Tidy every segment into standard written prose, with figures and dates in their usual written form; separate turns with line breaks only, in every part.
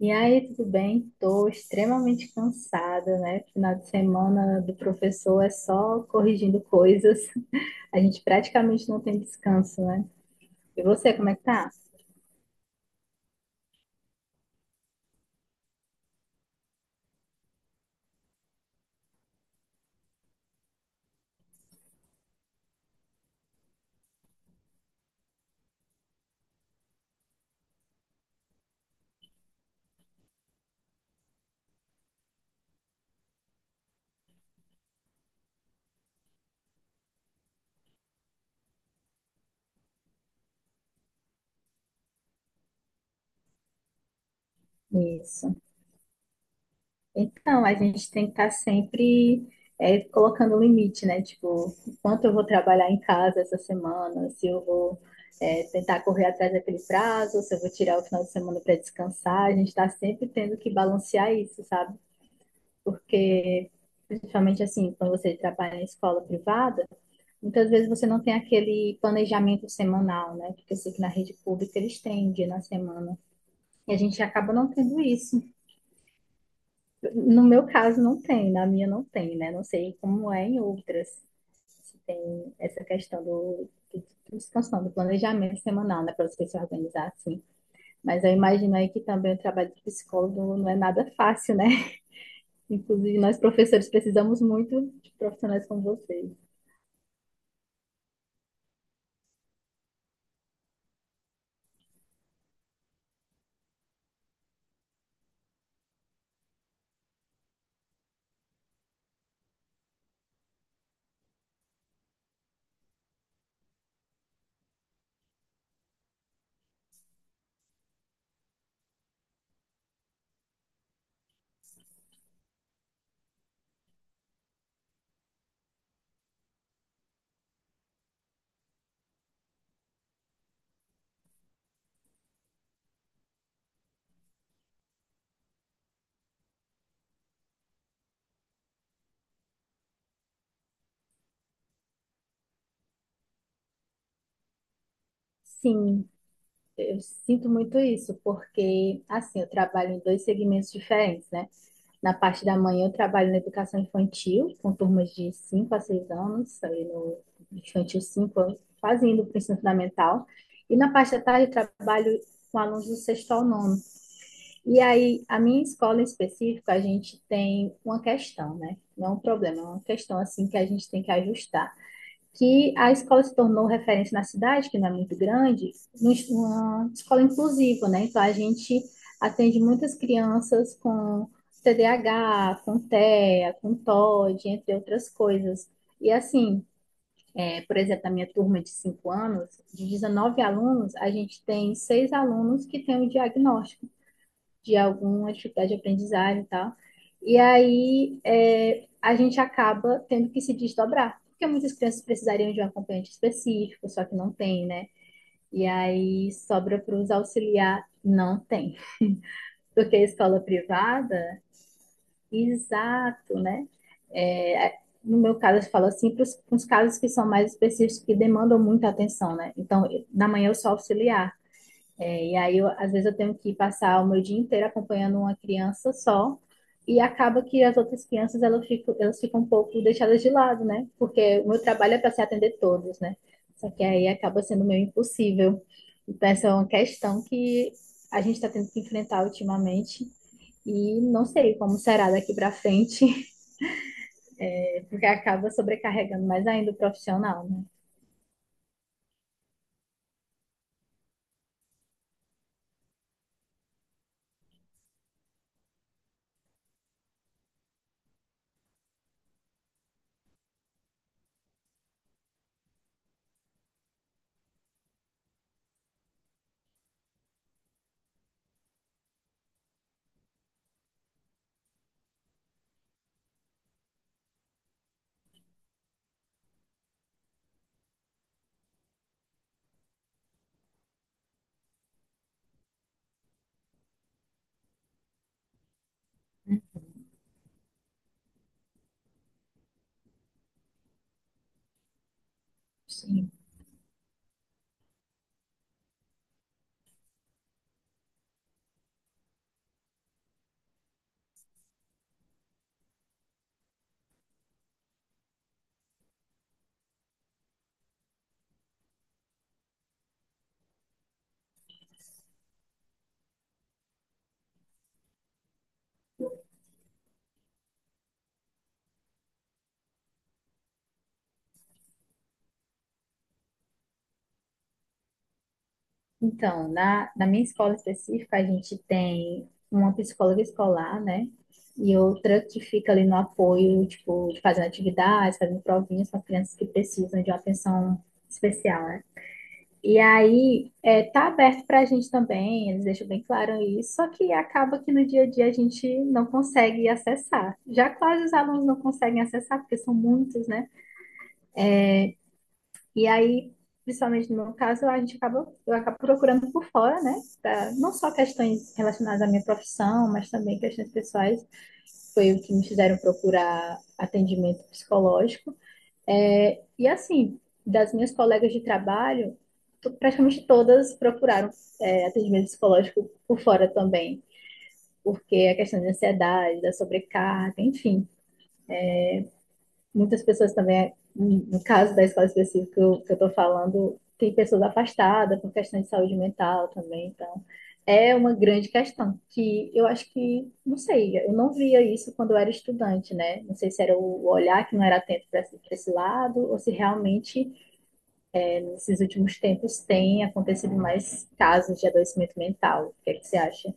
E aí, tudo bem? Estou extremamente cansada, né? Final de semana do professor é só corrigindo coisas. A gente praticamente não tem descanso, né? E você, como é que tá? Isso. Então, a gente tem que estar sempre colocando um limite, né? Tipo, quanto eu vou trabalhar em casa essa semana, se eu vou tentar correr atrás daquele prazo, se eu vou tirar o final de semana para descansar. A gente está sempre tendo que balancear isso, sabe? Porque principalmente assim, quando você trabalha em escola privada, muitas vezes você não tem aquele planejamento semanal, né? Porque eu sei que na rede pública eles têm um dia na semana. E a gente acaba não tendo isso. No meu caso, não tem, na minha não tem, né? Não sei como é em outras, se tem essa questão do descanso, do planejamento semanal, né? Para você se organizar assim. Mas eu imagino aí que também o trabalho de psicólogo não é nada fácil, né? Inclusive, nós professores precisamos muito de profissionais como vocês. Sim, eu sinto muito isso, porque assim, eu trabalho em dois segmentos diferentes, né? Na parte da manhã eu trabalho na educação infantil, com turmas de 5 a 6 anos, ali no infantil 5 quase indo para o ensino fundamental. E na parte da tarde eu trabalho com alunos do sexto ao nono. E aí, a minha escola em específico, a gente tem uma questão, né? Não é um problema, é uma questão assim que a gente tem que ajustar, que a escola se tornou referência na cidade, que não é muito grande, uma escola inclusiva, né? Então a gente atende muitas crianças com TDAH, com TEA, com TOD, entre outras coisas. E assim, é, por exemplo, na minha turma de 5 anos, de 19 alunos, a gente tem 6 alunos que têm o diagnóstico de alguma dificuldade de aprendizagem e tal. E aí a gente acaba tendo que se desdobrar, porque muitas crianças precisariam de um acompanhante específico, só que não tem, né? E aí sobra para os auxiliar, não tem. Porque a escola privada, exato, né? É, no meu caso, eu falo assim, para os casos que são mais específicos, que demandam muita atenção, né? Então, na manhã eu sou auxiliar. E aí, às vezes, eu tenho que passar o meu dia inteiro acompanhando uma criança só, e acaba que as outras crianças elas ficam um pouco deixadas de lado, né? Porque o meu trabalho é para se atender todos, né? Só que aí acaba sendo meio impossível. Então, essa é uma questão que a gente está tendo que enfrentar ultimamente, e não sei como será daqui para frente, porque acaba sobrecarregando mais ainda o profissional, né? Sim. Então, na minha escola específica, a gente tem uma psicóloga escolar, né? E outra que fica ali no apoio, tipo, fazendo atividades, fazendo provinhas para crianças que precisam de uma atenção especial, né? E aí, é, tá aberto para a gente também, eles deixam bem claro isso, só que acaba que no dia a dia a gente não consegue acessar. Já quase os alunos não conseguem acessar, porque são muitos, né? E aí, principalmente no meu caso, a gente acaba, eu acabo procurando por fora, né? Não só questões relacionadas à minha profissão, mas também questões pessoais. Foi o que me fizeram procurar atendimento psicológico. E assim, das minhas colegas de trabalho, praticamente todas procuraram atendimento psicológico por fora também, porque a questão de ansiedade, da sobrecarga, enfim. Muitas pessoas também, no caso da escola específica que eu estou falando, tem pessoas afastadas por questão de saúde mental também, então é uma grande questão que eu acho que, não sei, eu não via isso quando eu era estudante, né? Não sei se era o olhar que não era atento para pra esse lado ou se realmente nesses últimos tempos tem acontecido mais casos de adoecimento mental. O que é que você acha?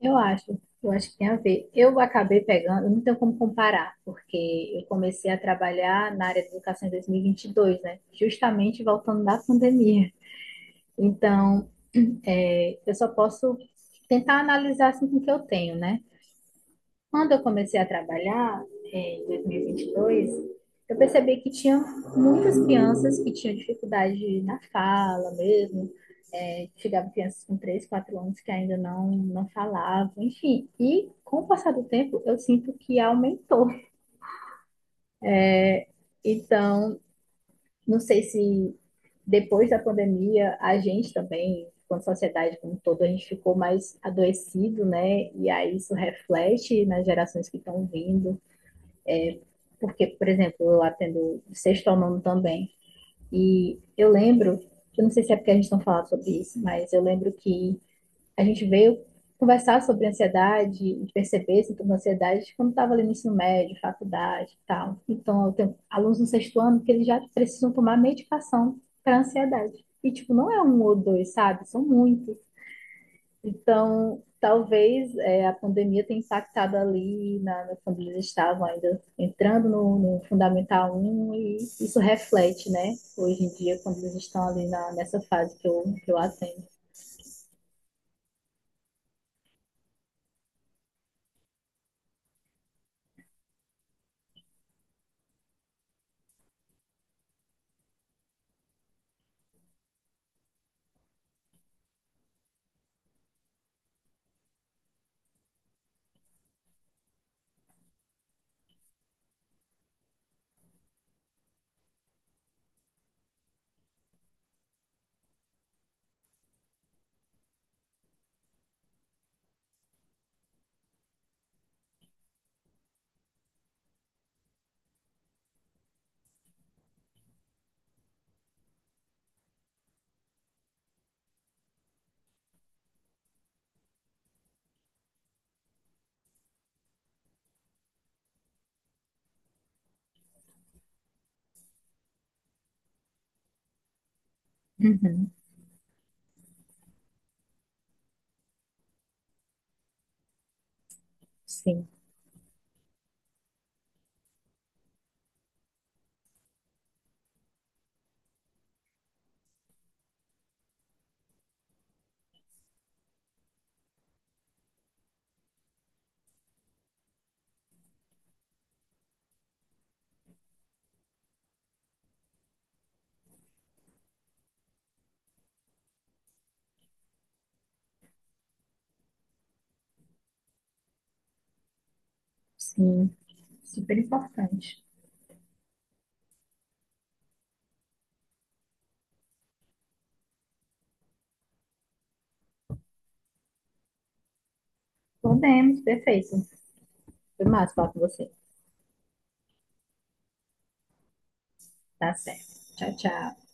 Eu acho que tem a ver. Eu acabei pegando, eu não tenho como comparar, porque eu comecei a trabalhar na área de educação em 2022, né? Justamente voltando da pandemia. Então, eu só posso tentar analisar assim com o que eu tenho, né? Quando eu comecei a trabalhar, em 2022, eu percebi que tinha muitas crianças que tinham dificuldade na fala mesmo. Chegava crianças com 3, 4 anos que ainda não falavam, enfim. E com o passar do tempo, eu sinto que aumentou. Então, não sei se depois da pandemia, a gente também, quanto sociedade como um todo, a gente ficou mais adoecido, né? E aí isso reflete nas gerações que estão vindo. Porque, por exemplo, eu atendo sexto ao nono também. E eu lembro, eu não sei se é porque a gente não fala sobre isso, mas eu lembro que a gente veio conversar sobre ansiedade e perceber sintomas de ansiedade quando estava ali no ensino médio, faculdade e tal. Então, eu tenho alunos no sexto ano que eles já precisam tomar medicação para ansiedade. E, tipo, não é um ou dois, sabe? São muitos. Então, talvez a pandemia tenha impactado ali quando eles estavam ainda entrando no Fundamental um e isso reflete, né? Hoje em dia, quando eles estão ali nessa fase que que eu atendo. Uhum. Sim, sim. Super importante. Podemos, perfeito. Foi massa falar com você. Tá certo. Tchau, tchau.